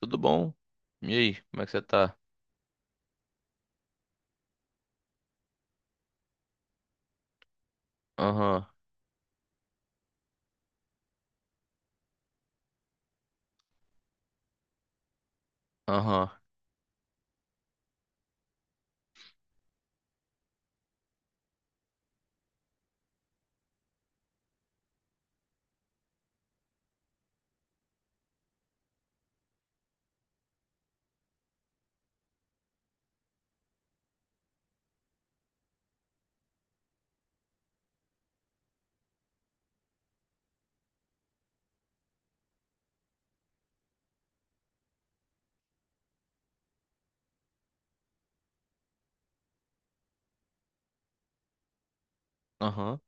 Tudo bom? E aí, como é que você tá? Aham, aham, aham,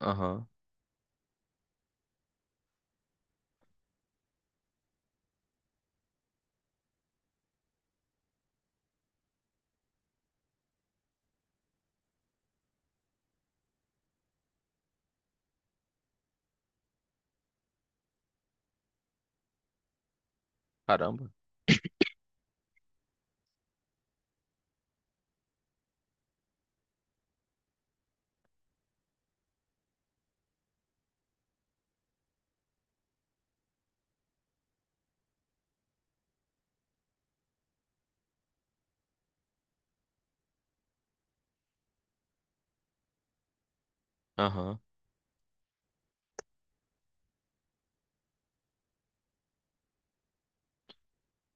aham. Caramba. Aham.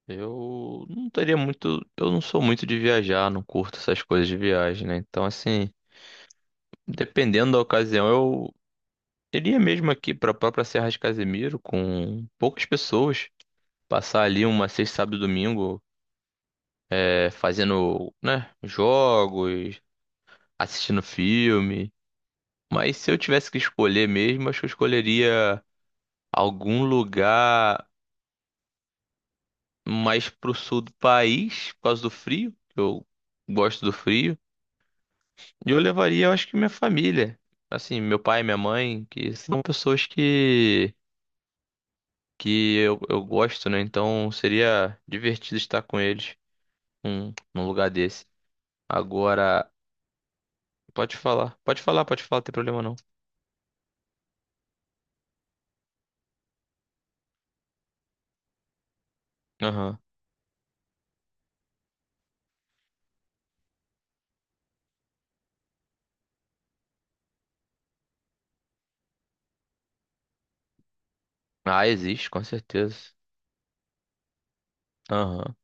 Eu não teria muito. Eu não sou muito de viajar, não curto essas coisas de viagem, né? Então, assim, dependendo da ocasião, eu iria mesmo aqui pra própria Serra de Casemiro com poucas pessoas. Passar ali uma sexta, sábado e domingo, fazendo, né, jogos, assistindo filme. Mas se eu tivesse que escolher mesmo, acho que eu escolheria algum lugar mais pro sul do país, por causa do frio, que eu gosto do frio. E eu levaria, eu acho que minha família, assim, meu pai e minha mãe, que são pessoas que eu gosto, né? Então seria divertido estar com eles num lugar desse. Agora, pode falar, pode falar, pode falar, não tem problema não. Aham. Ah, existe, com certeza. Aham.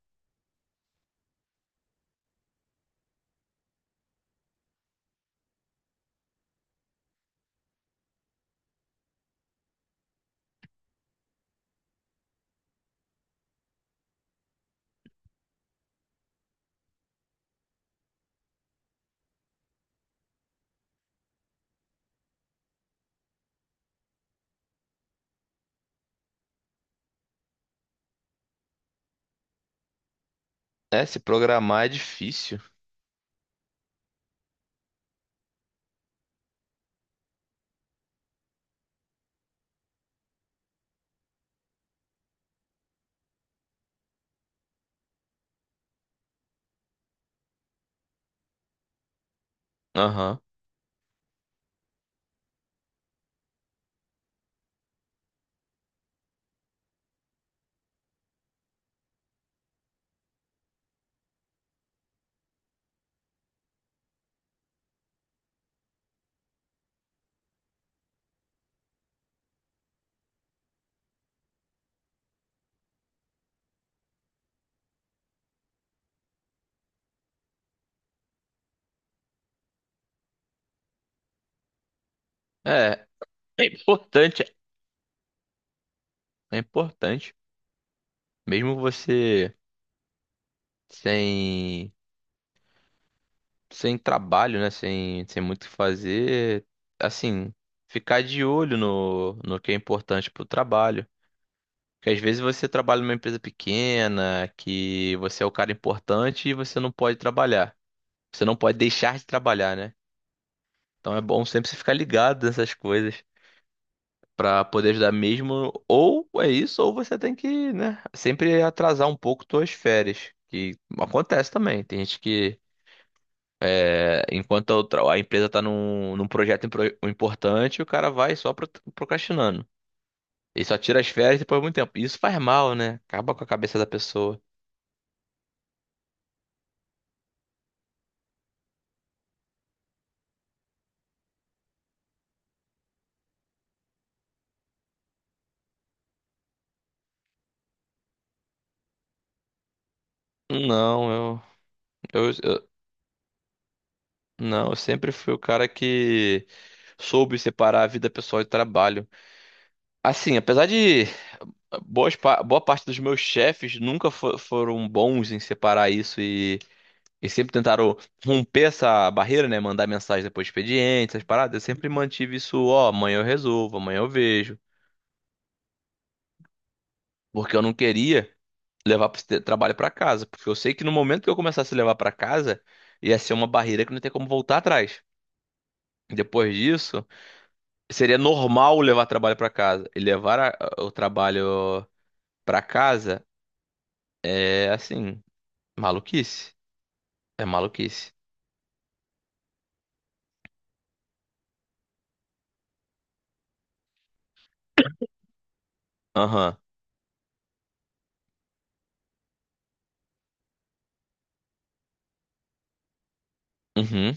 É, se programar é difícil. Aham. É, é importante, é importante. Mesmo você sem, sem trabalho, né? Sem muito o que fazer, assim, ficar de olho no que é importante pro trabalho. Porque às vezes você trabalha numa empresa pequena, que você é o cara importante e você não pode trabalhar. Você não pode deixar de trabalhar, né? Então é bom sempre você ficar ligado nessas coisas pra poder ajudar mesmo. Ou é isso, ou você tem que, né, sempre atrasar um pouco suas férias. Que acontece também. Tem gente que é, a empresa está num projeto importante, o cara vai só procrastinando. E só tira as férias depois de muito tempo. Isso faz mal, né? Acaba com a cabeça da pessoa. Não, eu, eu, eu- não, eu sempre fui o cara que soube separar a vida pessoal e trabalho. Assim, apesar de boa parte dos meus chefes nunca foram bons em separar isso. E sempre tentaram romper essa barreira, né? Mandar mensagem depois do expediente, essas paradas. Eu sempre mantive isso, ó, amanhã eu resolvo, amanhã eu vejo. Porque eu não queria levar trabalho pra casa. Porque eu sei que no momento que eu começasse a levar pra casa, ia ser uma barreira que não tem como voltar atrás. Depois disso, seria normal levar trabalho pra casa. E o trabalho pra casa é, assim, maluquice. É maluquice. Aham. Uhum.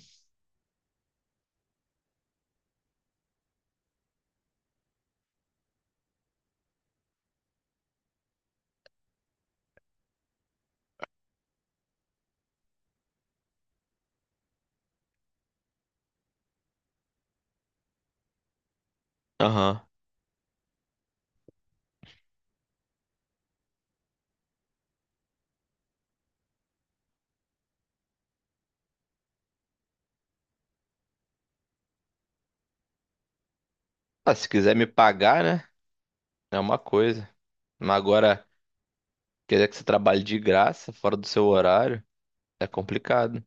Aham. Ah, se quiser me pagar, né? É uma coisa. Mas agora, querer que você trabalhe de graça, fora do seu horário, é complicado.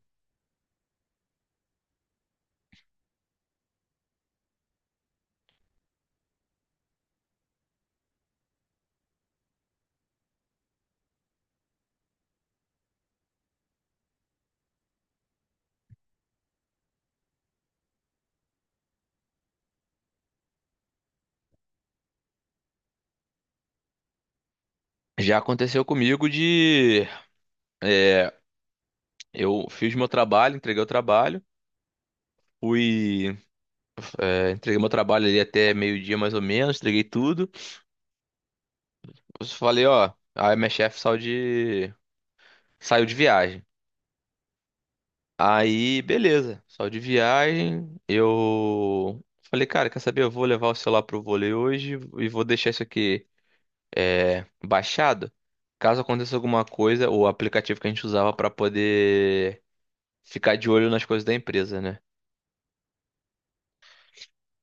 Já aconteceu comigo de, é, eu fiz meu trabalho, entreguei o trabalho, fui. É, entreguei meu trabalho ali até meio-dia mais ou menos, entreguei tudo. Eu falei, ó, aí minha chefe saiu de, saiu de viagem. Aí, beleza, saiu de viagem, eu falei, cara, quer saber? Eu vou levar o celular pro vôlei hoje e vou deixar isso aqui, é, baixado. Caso aconteça alguma coisa, o aplicativo que a gente usava para poder ficar de olho nas coisas da empresa, né?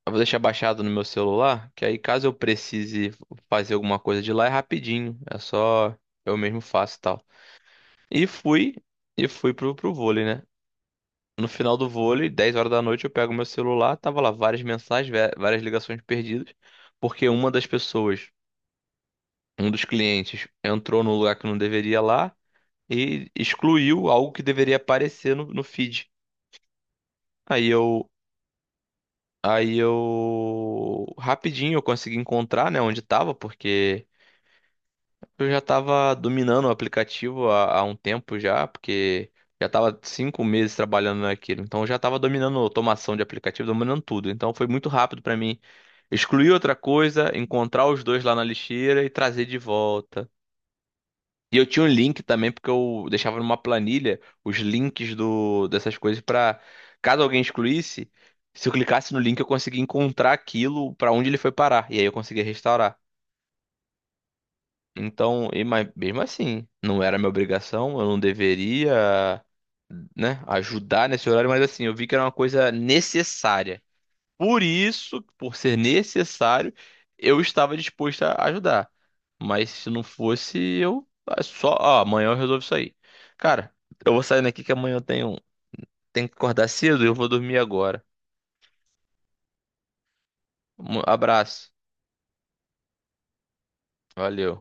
Eu vou deixar baixado no meu celular, que aí caso eu precise fazer alguma coisa de lá é rapidinho, é só eu mesmo faço e tal. E fui, e fui pro vôlei, né? No final do vôlei, 10 horas da noite, eu pego meu celular, tava lá várias mensagens, várias ligações perdidas, porque uma das pessoas, um dos clientes, entrou no lugar que não deveria lá e excluiu algo que deveria aparecer no feed. Aí eu, aí eu rapidinho eu consegui encontrar, né, onde estava, porque eu já estava dominando o aplicativo há um tempo já, porque já estava 5 meses trabalhando naquilo. Então eu já estava dominando automação de aplicativo, dominando tudo. Então foi muito rápido para mim excluir outra coisa, encontrar os dois lá na lixeira e trazer de volta. E eu tinha um link também, porque eu deixava numa planilha os links dessas coisas pra caso alguém excluísse, se eu clicasse no link eu conseguia encontrar aquilo pra onde ele foi parar. E aí eu conseguia restaurar. Então, e, mas mesmo assim, não era minha obrigação, eu não deveria, né, ajudar nesse horário, mas assim, eu vi que era uma coisa necessária. Por isso, por ser necessário, eu estava disposto a ajudar. Mas se não fosse, eu ah, só, ó, amanhã eu resolvo isso aí. Cara, eu vou saindo aqui que amanhã eu tenho, tenho que acordar cedo e eu vou dormir agora. Um abraço. Valeu.